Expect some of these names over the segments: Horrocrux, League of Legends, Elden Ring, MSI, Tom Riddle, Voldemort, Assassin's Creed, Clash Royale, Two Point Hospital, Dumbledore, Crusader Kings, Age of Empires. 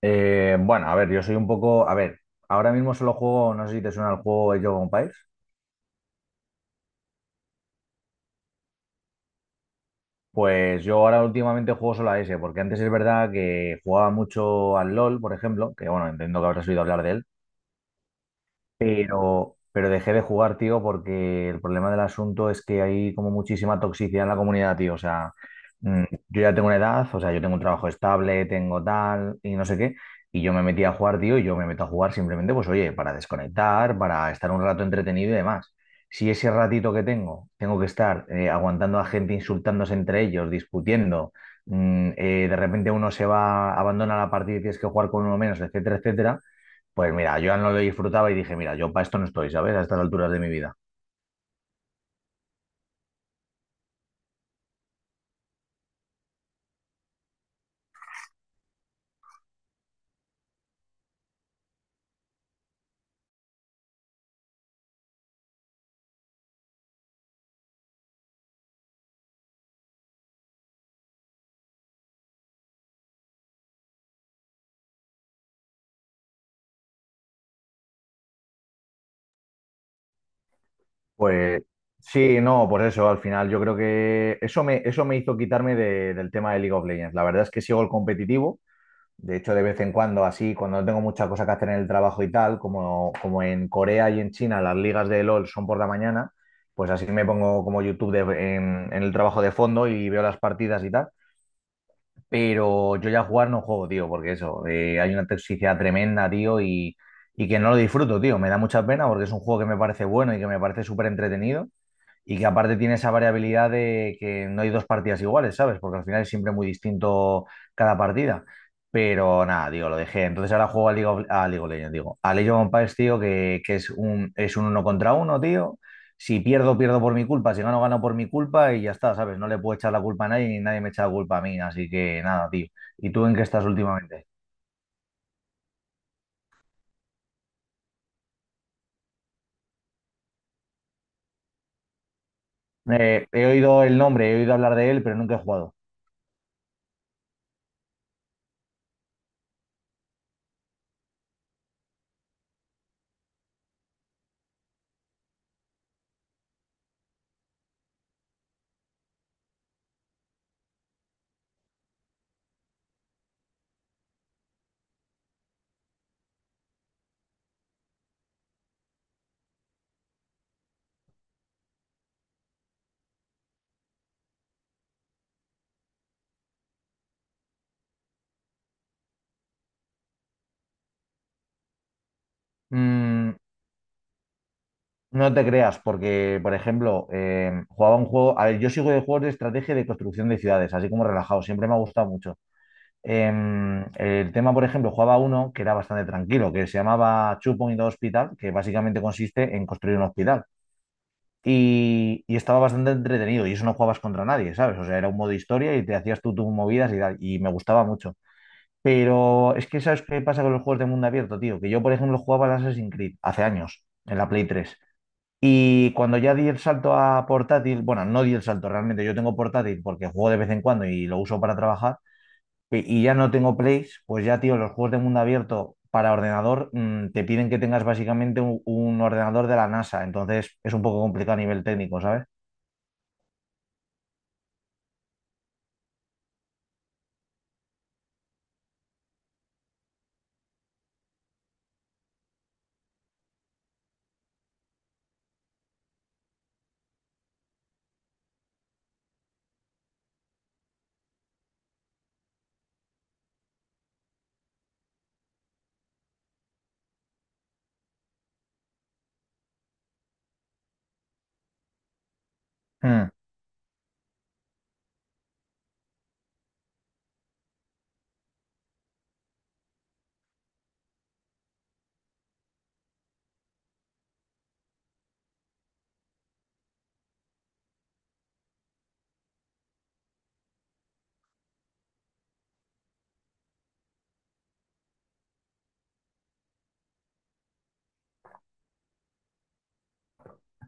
Bueno, a ver, yo soy un poco. A ver, ahora mismo solo juego, no sé si te suena el juego Age of Empires. Pues yo ahora últimamente juego solo a ese, porque antes es verdad que jugaba mucho al LOL, por ejemplo, que bueno, entiendo que habrás oído hablar de él. Pero dejé de jugar, tío, porque el problema del asunto es que hay como muchísima toxicidad en la comunidad, tío. O sea, mm, yo ya tengo una edad, o sea, yo tengo un trabajo estable, tengo tal y no sé qué. Y yo me metí a jugar, tío, y yo me meto a jugar simplemente, pues oye, para desconectar, para estar un rato entretenido y demás. Si ese ratito que tengo, tengo que estar aguantando a gente insultándose entre ellos, discutiendo, de repente uno se va, abandona la partida y tienes que jugar con uno menos, etcétera, etcétera, pues mira, yo ya no lo disfrutaba y dije, mira, yo para esto no estoy, ¿sabes? A estas alturas de mi vida. Pues sí, no, por eso, al final yo creo que eso me hizo quitarme del tema de League of Legends. La verdad es que sigo el competitivo. De hecho, de vez en cuando, así, cuando no tengo mucha cosa que hacer en el trabajo y tal, como en Corea y en China las ligas de LOL son por la mañana, pues así me pongo como YouTube en el trabajo de fondo y veo las partidas y tal. Pero yo ya jugar no juego, tío, porque eso, hay una toxicidad tremenda, tío, y que no lo disfruto, tío. Me da mucha pena porque es un juego que me parece bueno y que me parece súper entretenido, y que aparte tiene esa variabilidad de que no hay dos partidas iguales, ¿sabes? Porque al final es siempre muy distinto cada partida. Pero nada, digo, lo dejé. Entonces ahora juego a a League of Legends, digo. A League of Empires, tío, que es es un uno contra uno, tío. Si pierdo, pierdo por mi culpa. Si gano, gano por mi culpa y ya está, ¿sabes? No le puedo echar la culpa a nadie ni nadie me echa la culpa a mí. Así que nada, tío. ¿Y tú en qué estás últimamente? He oído el nombre, he oído hablar de él, pero nunca he jugado. Mm. No te creas, porque, por ejemplo, jugaba un juego. A ver, yo sigo de juegos de estrategia y de construcción de ciudades, así como relajado, siempre me ha gustado mucho. El tema, por ejemplo, jugaba uno que era bastante tranquilo, que se llamaba Two Point Hospital, que básicamente consiste en construir un hospital. Y estaba bastante entretenido, y eso no jugabas contra nadie, ¿sabes? O sea, era un modo historia y te hacías tú tus movidas y tal, y me gustaba mucho. Pero es que, ¿sabes qué pasa con los juegos de mundo abierto, tío? Que yo, por ejemplo, jugaba al Assassin's Creed hace años, en la Play 3. Y cuando ya di el salto a portátil, bueno, no di el salto realmente, yo tengo portátil porque juego de vez en cuando y lo uso para trabajar, y ya no tengo plays, pues ya, tío, los juegos de mundo abierto para ordenador te piden que tengas básicamente un ordenador de la NASA, entonces es un poco complicado a nivel técnico, ¿sabes? Mm.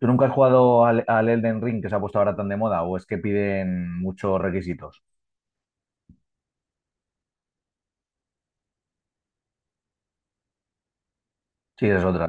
¿Tú nunca has jugado al Elden Ring que se ha puesto ahora tan de moda o es que piden muchos requisitos? Sí, esa es otra.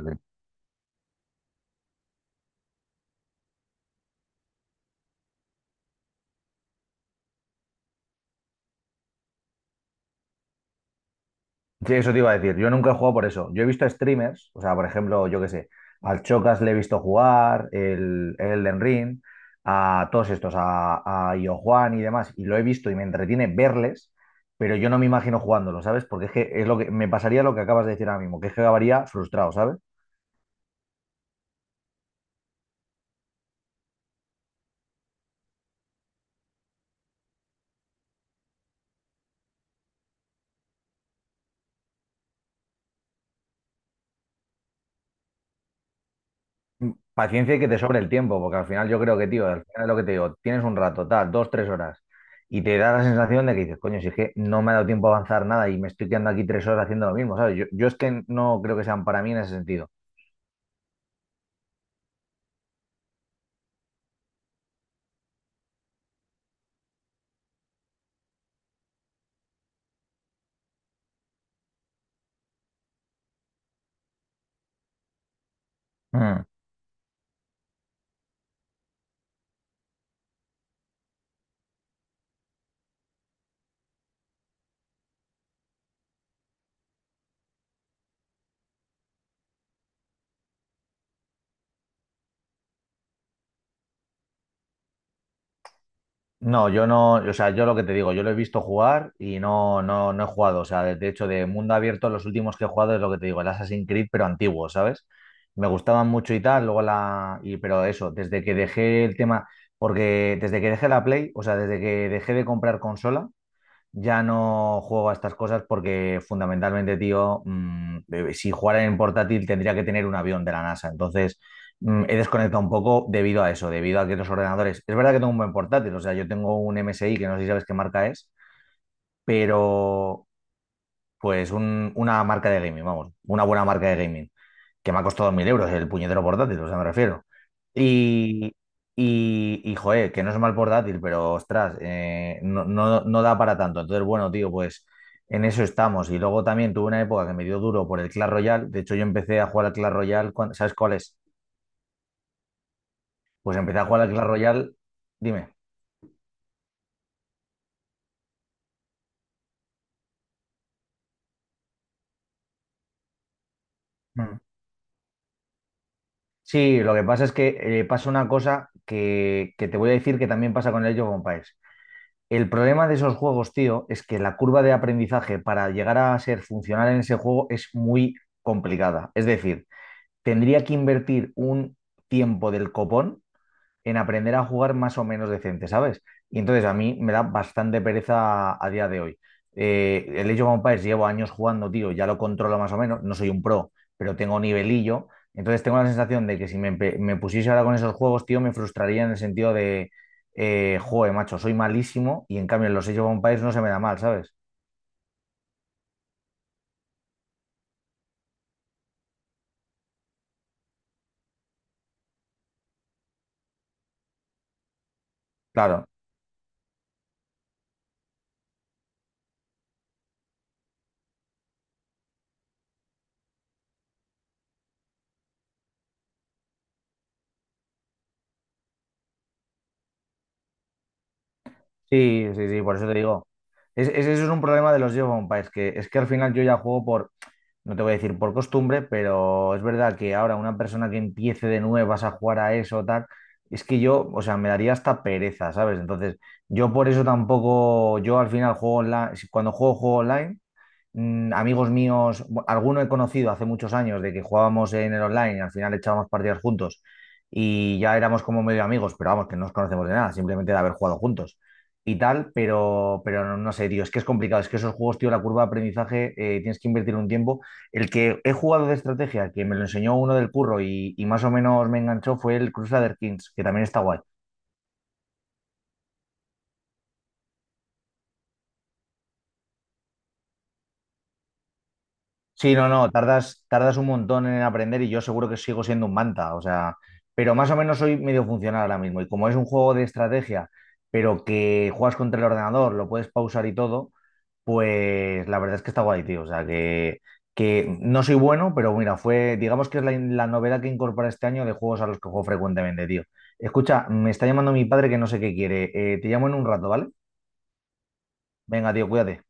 Sí, eso te iba a decir. Yo nunca he jugado por eso. Yo he visto streamers, o sea, por ejemplo, yo qué sé, al Chocas le he visto jugar, el Elden Ring, a todos estos, a Io y demás, y lo he visto y me entretiene verles, pero yo no me imagino jugándolo, ¿sabes? Porque es que es lo que me pasaría lo que acabas de decir ahora mismo, que es que acabaría frustrado, ¿sabes? Paciencia y que te sobre el tiempo, porque al final yo creo que, tío, al final es lo que te digo, tienes un rato, tal, dos, tres horas, y te da la sensación de que dices, coño, si es que no me ha dado tiempo a avanzar nada y me estoy quedando aquí tres horas haciendo lo mismo, ¿sabes? Yo es que no creo que sean para mí en ese sentido. Mm. No, yo no, o sea, yo lo que te digo, yo lo he visto jugar y no he jugado. O sea, de hecho, de mundo abierto, los últimos que he jugado es lo que te digo, el Assassin's Creed, pero antiguo, ¿sabes? Me gustaban mucho y tal, luego la. Y, pero eso, desde que dejé el tema, porque desde que dejé la Play, o sea, desde que dejé de comprar consola. Ya no juego a estas cosas porque fundamentalmente, tío, si jugara en portátil tendría que tener un avión de la NASA. Entonces, he desconectado un poco debido a eso, debido a que los ordenadores. Es verdad que tengo un buen portátil, o sea, yo tengo un MSI que no sé si sabes qué marca es, pero pues una marca de gaming, vamos, una buena marca de gaming que me ha costado 1000 euros el puñetero portátil, o sea, me refiero. Y, joder, que no es mal portátil, pero ostras, no da para tanto. Entonces, bueno, tío, pues en eso estamos. Y luego también tuve una época que me dio duro por el Clash Royale. De hecho, yo empecé a jugar al Clash Royale, ¿sabes cuál es? Pues empecé a jugar al Clash Royale, dime. Mm. Sí, lo que pasa es que pasa una cosa que te voy a decir que también pasa con el Age of Empires. El problema de esos juegos, tío, es que la curva de aprendizaje para llegar a ser funcional en ese juego es muy complicada. Es decir, tendría que invertir un tiempo del copón en aprender a jugar más o menos decente, ¿sabes? Y entonces a mí me da bastante pereza a día de hoy. El Age of Empires llevo años jugando, tío, ya lo controlo más o menos, no soy un pro, pero tengo nivelillo, entonces tengo la sensación de que si me, empe- me pusiese ahora con esos juegos, tío, me frustraría en el sentido de, joder, macho, soy malísimo y en cambio en los Age of Empires no se me da mal, ¿sabes? Claro, sí, sí, sí, por eso te digo. Ese es un problema de los Age of Empires, que es que al final yo ya juego por. No te voy a decir por costumbre, pero es verdad que ahora una persona que empiece de nuevas a jugar a eso, tal, es que yo, o sea, me daría hasta pereza, ¿sabes? Entonces, yo por eso tampoco, yo al final juego online, cuando juego, juego online amigos míos, alguno he conocido hace muchos años de que jugábamos en el online y al final echábamos partidas juntos y ya éramos como medio amigos, pero vamos, que no nos conocemos de nada, simplemente de haber jugado juntos y tal, pero no, no sé, tío, es que es complicado, es que esos juegos, tío, la curva de aprendizaje, tienes que invertir un tiempo. El que he jugado de estrategia, que me lo enseñó uno del curro y más o menos me enganchó, fue el Crusader Kings, que también está guay. Sí, no, no, tardas, tardas un montón en aprender y yo seguro que sigo siendo un manta, o sea, pero más o menos soy medio funcional ahora mismo y como es un juego de estrategia, pero que juegas contra el ordenador, lo puedes pausar y todo, pues la verdad es que está guay, tío, que no soy bueno, pero mira, fue, digamos que es la novedad que incorpora este año de juegos a los que juego frecuentemente, tío. Escucha, me está llamando mi padre que no sé qué quiere. Te llamo en un rato, ¿vale? Venga, tío, cuídate.